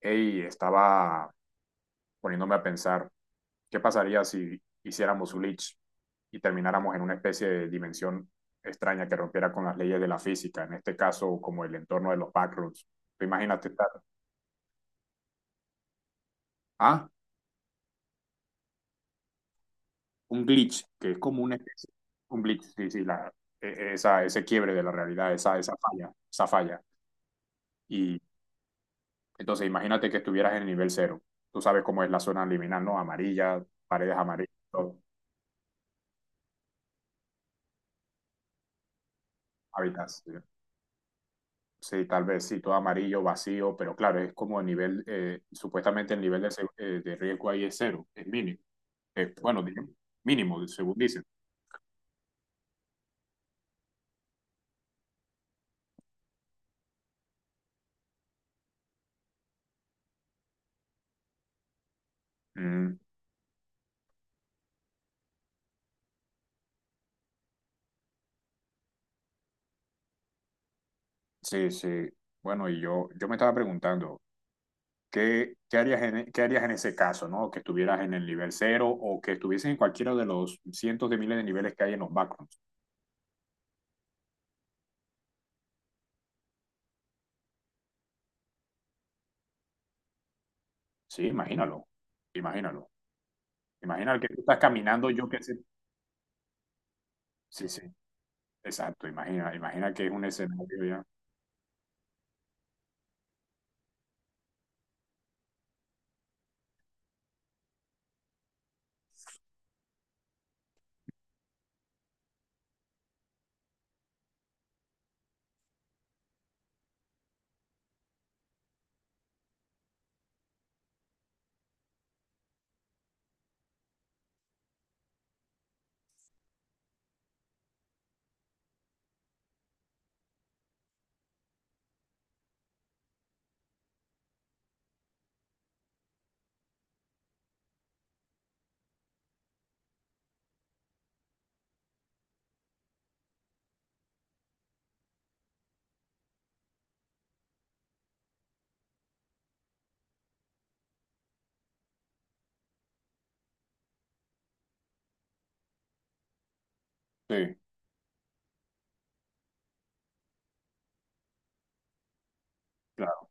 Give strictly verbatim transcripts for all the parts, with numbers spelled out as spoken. Ey, estaba poniéndome a pensar, ¿qué pasaría si hiciéramos un glitch y termináramos en una especie de dimensión extraña que rompiera con las leyes de la física? En este caso, como el entorno de los backrooms. Tú imagínate estar, ah, un glitch, que es como una especie, un glitch, sí, sí, la, e- esa, ese quiebre de la realidad, esa, esa falla, esa falla. Y entonces imagínate que estuvieras en el nivel cero. Tú sabes cómo es la zona liminal, ¿no? Amarilla, paredes amarillas, todo, hábitats. Sí, tal vez sí, todo amarillo, vacío, pero claro, es como el nivel, eh, supuestamente el nivel de, se- eh, de riesgo ahí es cero, es mínimo. Eh, bueno, digamos, mínimo, según dicen. Mm, sí, sí. Bueno, y yo, yo me estaba preguntando, ¿qué, qué harías en, e, qué harías en ese caso, no? Que estuvieras en el nivel cero o que estuvieses en cualquiera de los cientos de miles de niveles que hay en los backgrounds. Sí, imagínalo, imagínalo. Imagina que tú estás caminando, yo qué sé. Sí, sí, exacto, imagina, imagina que es un escenario ya. Sí, claro,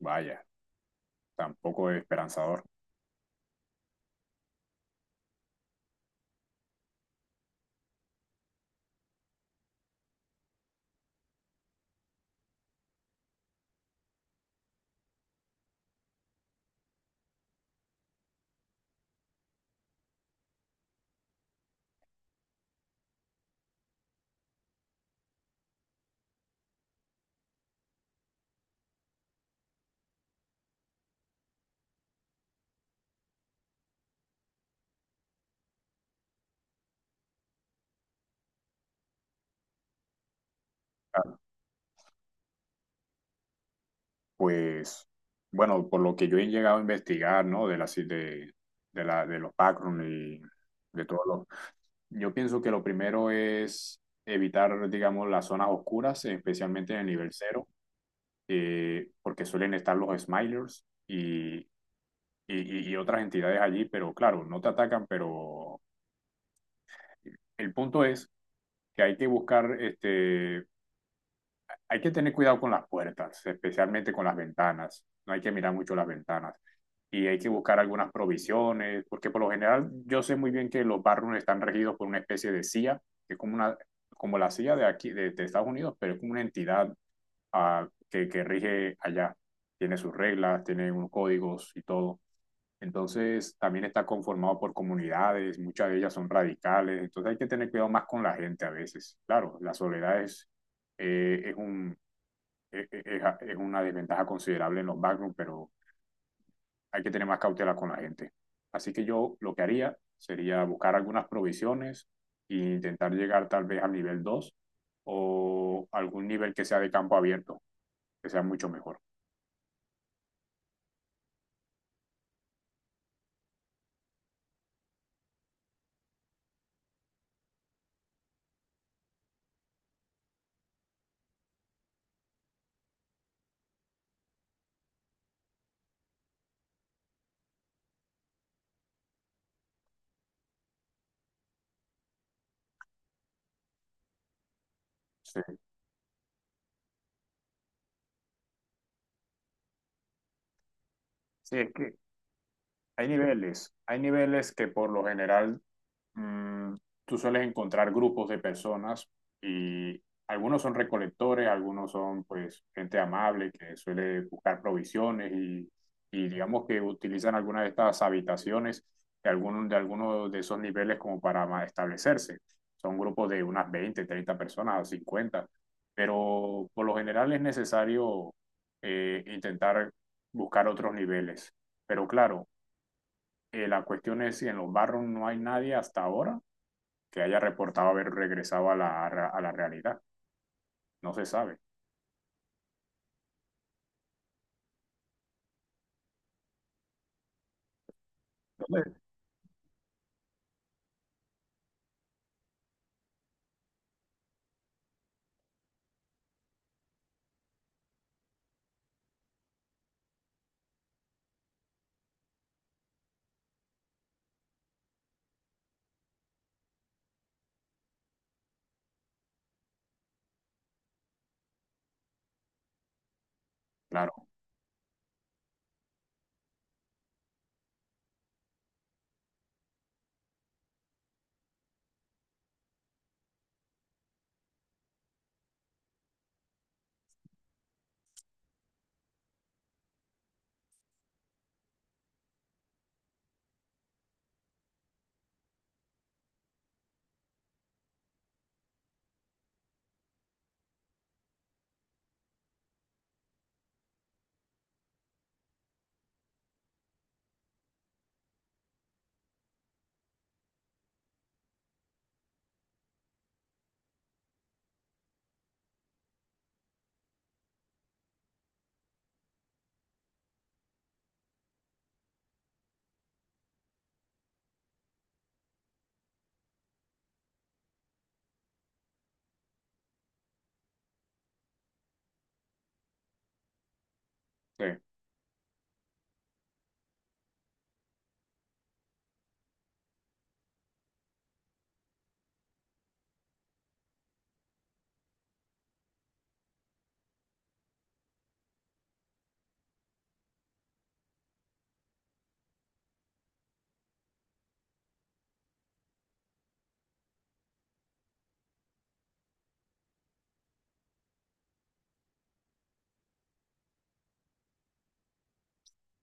vaya. Tampoco es esperanzador. Ah, Pues, bueno, por lo que yo he llegado a investigar, ¿no? De la, si- de, de la, de los background y de todo lo. Yo pienso que lo primero es evitar, digamos, las zonas oscuras, especialmente en el nivel cero, eh, porque suelen estar los smilers y, y, y y otras entidades allí, pero claro, no te atacan, pero el punto es que hay que buscar este hay que tener cuidado con las puertas, especialmente con las ventanas. No hay que mirar mucho las ventanas. Y hay que buscar algunas provisiones, porque por lo general yo sé muy bien que los barrios están regidos por una especie de C I A, que es como, una, como la C I A de aquí, de, de Estados Unidos, pero es como una entidad uh, que, que rige allá. Tiene sus reglas, tiene unos códigos y todo. Entonces, también está conformado por comunidades, muchas de ellas son radicales, entonces hay que tener cuidado más con la gente a veces. Claro, la soledad es, eh, es un, es, es- es una desventaja considerable en los backrooms, pero hay que tener más cautela con la gente. Así que yo lo que haría sería buscar algunas provisiones e intentar llegar tal vez al nivel dos o algún nivel que sea de campo abierto, que sea mucho mejor. Sí, sí, es que hay niveles, hay niveles que por lo general mm, tú sueles encontrar grupos de personas y algunos son recolectores, algunos son pues gente amable que suele buscar provisiones y, y digamos que utilizan algunas de estas habitaciones de algunos de, algunos de esos niveles como para establecerse. Son grupos de unas veinte treinta personas, cincuenta pero por lo general es necesario eh, intentar buscar otros niveles. Pero claro, eh, la cuestión es si en los barrios no hay nadie hasta ahora, que haya reportado haber regresado a la, a la realidad. No se sabe. Entonces, claro, sí.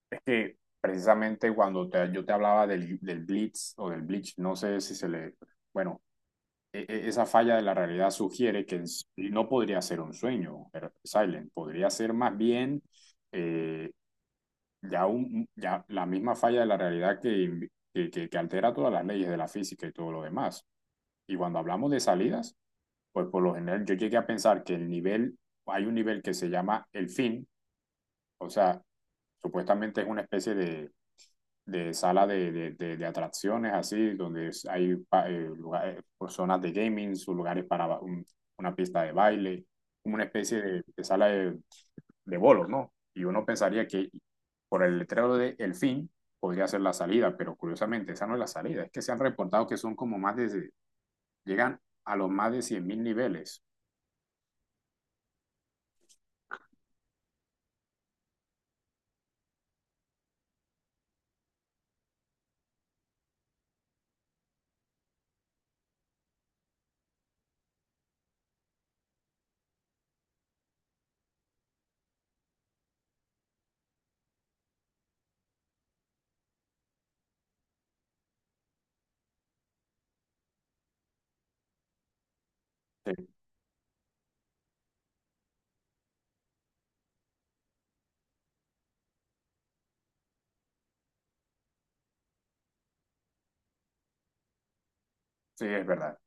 Es que precisamente cuando te, yo te hablaba del, del blitz o del bleach, no sé si se le. Bueno, e, e, esa falla de la realidad sugiere que no podría ser un sueño, eh, Silent, podría ser más bien eh, ya, un, ya la misma falla de la realidad que, que, que, que altera todas las leyes de la física y todo lo demás. Y cuando hablamos de salidas, pues por lo general yo llegué a pensar que el nivel, hay un nivel que se llama el fin, o sea, supuestamente es una especie de, de sala de, de- de- de atracciones así, donde es- hay pa- eh, lugares, pues, zonas de gaming, sus lugares para ba- un- una pista de baile, como una especie de, de sala de, de bolos, ¿no? Y uno pensaría que por el letrero de el fin podría ser la salida, pero curiosamente esa no es la salida, es que se han reportado que son como más de, llegan a los más de cien mil niveles. Sí, sí, es verdad.